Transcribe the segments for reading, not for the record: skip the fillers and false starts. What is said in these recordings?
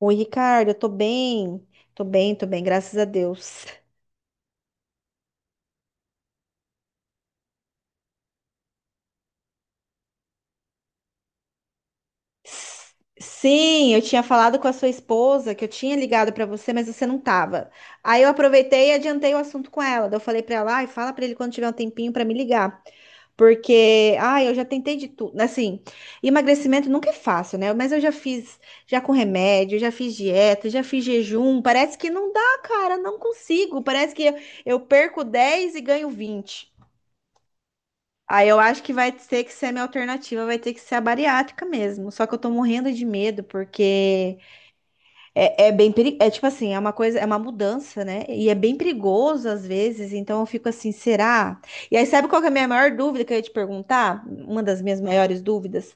Oi, Ricardo, eu tô bem. Tô bem, tô bem, graças a Deus. S- Sim, eu tinha falado com a sua esposa que eu tinha ligado pra você, mas você não tava. Aí eu aproveitei e adiantei o assunto com ela. Daí eu falei pra ela, ai, fala pra ele quando tiver um tempinho pra me ligar, porque, ai, eu já tentei de tudo, assim, emagrecimento nunca é fácil, né? Mas eu já fiz, já com remédio, já fiz dieta, já fiz jejum, parece que não dá, cara, não consigo. Parece que eu perco 10 e ganho 20. Aí eu acho que vai ter que ser a minha alternativa, vai ter que ser a bariátrica mesmo. Só que eu tô morrendo de medo, porque é bem perigoso. É tipo assim, é uma coisa, é uma mudança, né? E é bem perigoso às vezes, então eu fico assim, será? E aí, sabe qual que é a minha maior dúvida que eu ia te perguntar? Uma das minhas maiores dúvidas.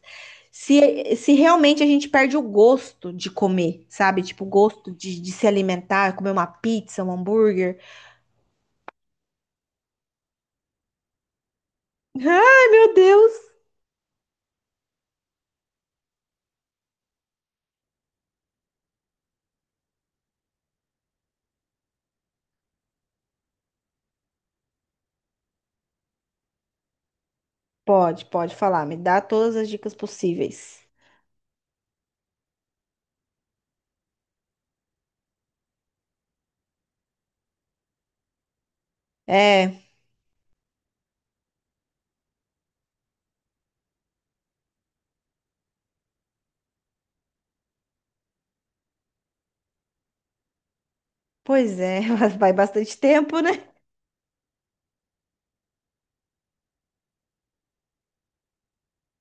Se realmente a gente perde o gosto de comer, sabe? Tipo, o gosto de se alimentar, comer uma pizza, um hambúrguer. Ai, meu Deus! Pode, pode falar, me dá todas as dicas possíveis. É, pois é, vai bastante tempo, né?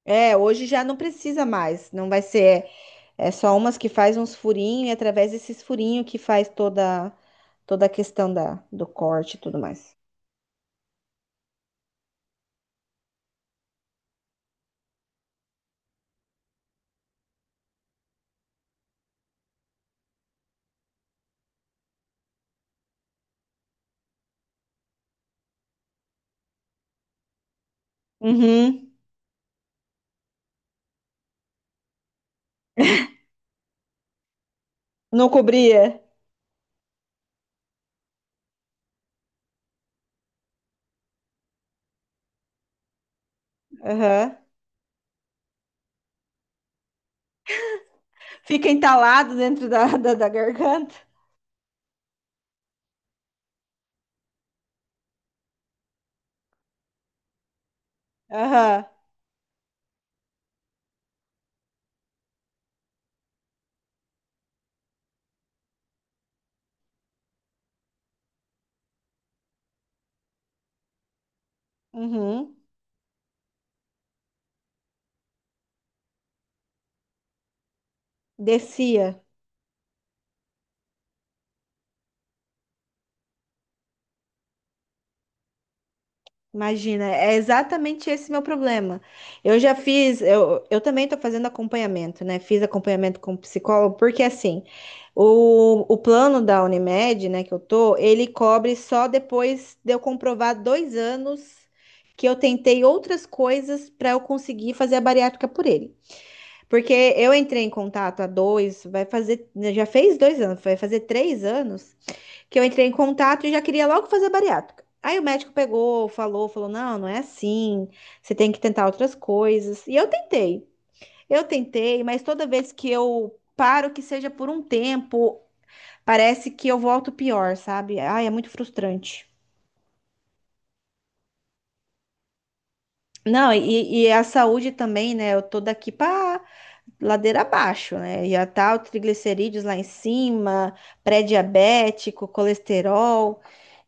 É, hoje já não precisa mais, não vai ser, é só umas que faz uns furinhos e através desses furinhos que faz toda a questão da, do corte e tudo mais. Uhum, não cobria. Aham. Fica entalado dentro da, da, da garganta. Aham. Uhum. Descia. Imagina, é exatamente esse meu problema. Eu já fiz, eu também estou fazendo acompanhamento, né? Fiz acompanhamento com psicólogo, porque assim, o plano da Unimed, né, que eu tô, ele cobre só depois de eu comprovar 2 anos que eu tentei outras coisas para eu conseguir fazer a bariátrica por ele. Porque eu entrei em contato há dois, vai fazer, já fez 2 anos, vai fazer 3 anos que eu entrei em contato e já queria logo fazer bariátrica. Aí o médico pegou, falou, falou: não, não é assim, você tem que tentar outras coisas. E eu tentei, mas toda vez que eu paro, que seja por um tempo, parece que eu volto pior, sabe? Ai, é muito frustrante. Não, e a saúde também, né? Eu tô daqui para ladeira abaixo, né? Já tá o triglicerídeos lá em cima, pré-diabético, colesterol.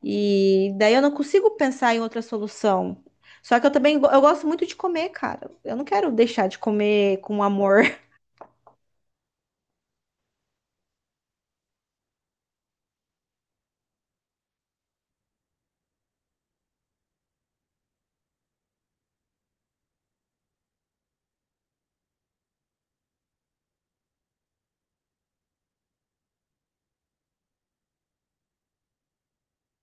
E daí eu não consigo pensar em outra solução. Só que eu também go- eu gosto muito de comer, cara. Eu não quero deixar de comer com amor.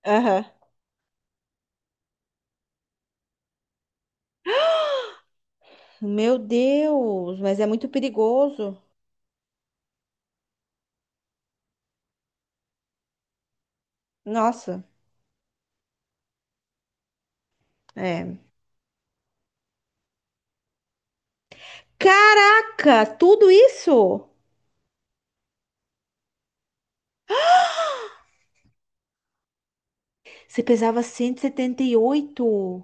Aham. Meu Deus, mas é muito perigoso. Nossa, é. Caraca, tudo isso? Você pesava cento e setenta e oito.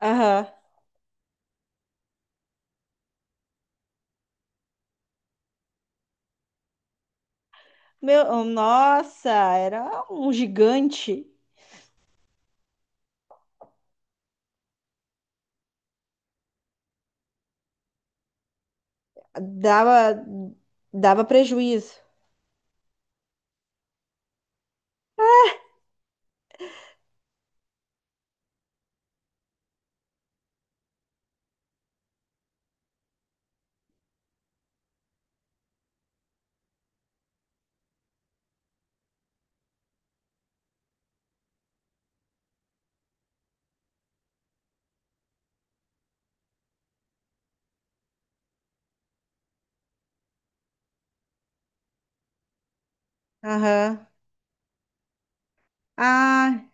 Aham. Meu, nossa, era um gigante. Dava, dava prejuízo. Aham. Ah,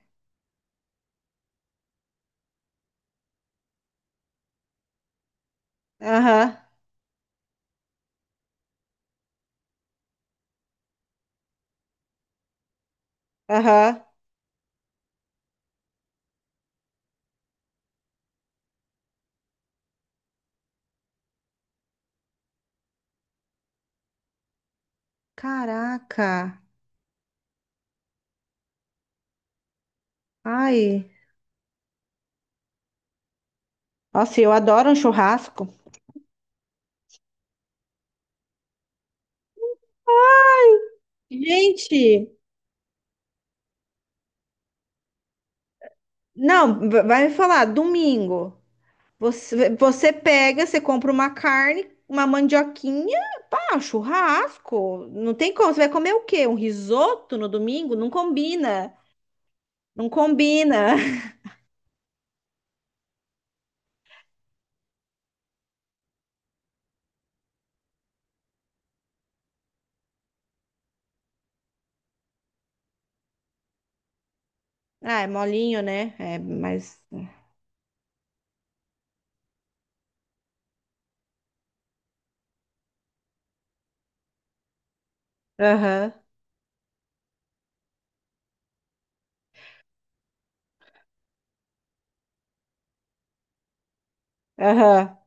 aham, aham. Caraca. Ai. Nossa, eu adoro um churrasco. Gente, não, vai me falar, domingo. Você pega, você compra uma carne, uma mandioquinha, pá, um churrasco. Não tem como. Você vai comer o quê? Um risoto no domingo? Não combina. Não combina. Ah, é molinho, né? É, mas. Aham, aham.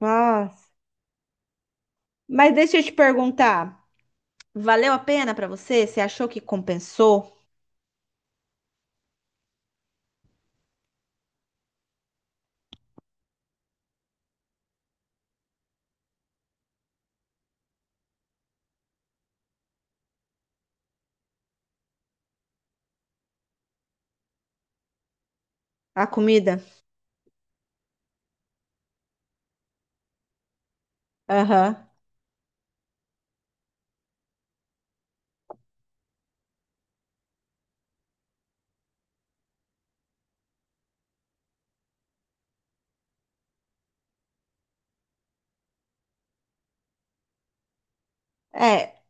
Nossa. Mas deixa eu te perguntar, valeu a pena pra você? Você achou que compensou a comida? Aham. É,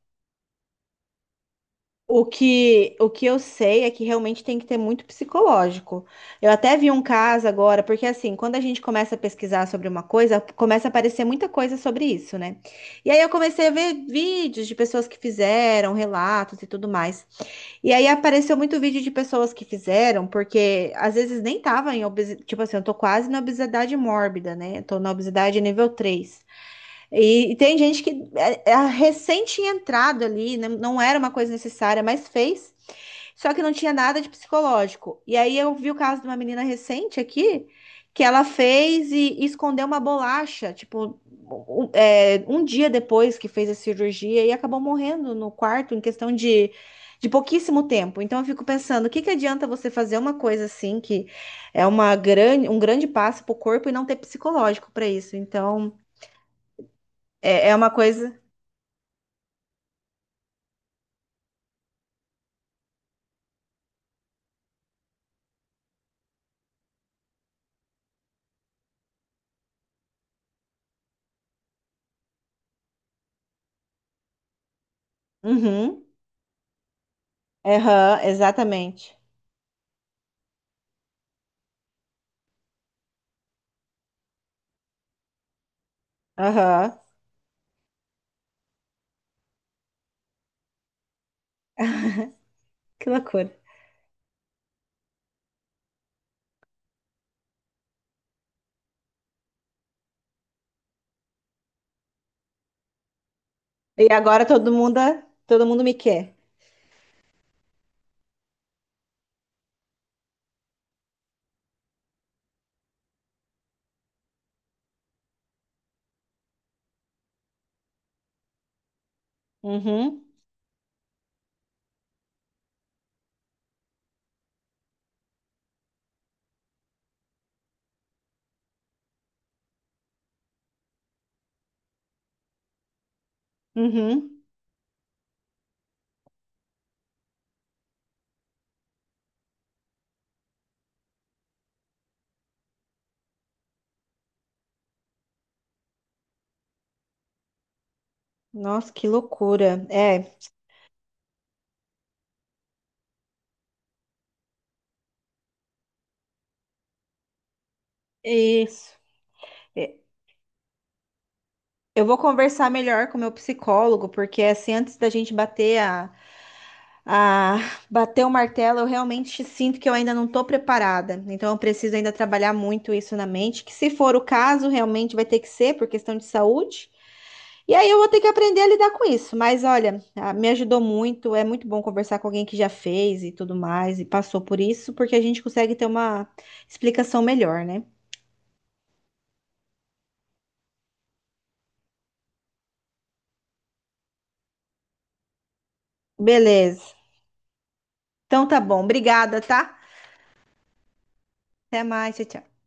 o que eu sei é que realmente tem que ter muito psicológico. Eu até vi um caso agora, porque assim, quando a gente começa a pesquisar sobre uma coisa, começa a aparecer muita coisa sobre isso, né? E aí eu comecei a ver vídeos de pessoas que fizeram, relatos e tudo mais. E aí apareceu muito vídeo de pessoas que fizeram, porque às vezes nem tava em obesidade, tipo assim, eu tô quase na obesidade mórbida, né? Eu tô na obesidade nível 3. E tem gente que é recém tinha entrado ali, não, não era uma coisa necessária, mas fez. Só que não tinha nada de psicológico. E aí eu vi o caso de uma menina recente aqui, que ela fez e escondeu uma bolacha, tipo, um dia depois que fez a cirurgia e acabou morrendo no quarto em questão de pouquíssimo tempo. Então eu fico pensando, o que que adianta você fazer uma coisa assim que é uma grande, um grande passo para o corpo e não ter psicológico para isso? Então é uma coisa. Uhum. Aham, exatamente. Aham. Que loucura. E agora todo mundo me quer. Uhum. Uhum. Nossa, que loucura. É, é isso. É, eu vou conversar melhor com o meu psicólogo, porque assim, antes da gente a bater o martelo, eu realmente sinto que eu ainda não estou preparada. Então, eu preciso ainda trabalhar muito isso na mente, que se for o caso, realmente vai ter que ser por questão de saúde. E aí eu vou ter que aprender a lidar com isso. Mas olha, ah, me ajudou muito. É muito bom conversar com alguém que já fez e tudo mais e passou por isso, porque a gente consegue ter uma explicação melhor, né? Beleza. Então tá bom. Obrigada, tá? Até mais. Tchau, tchau.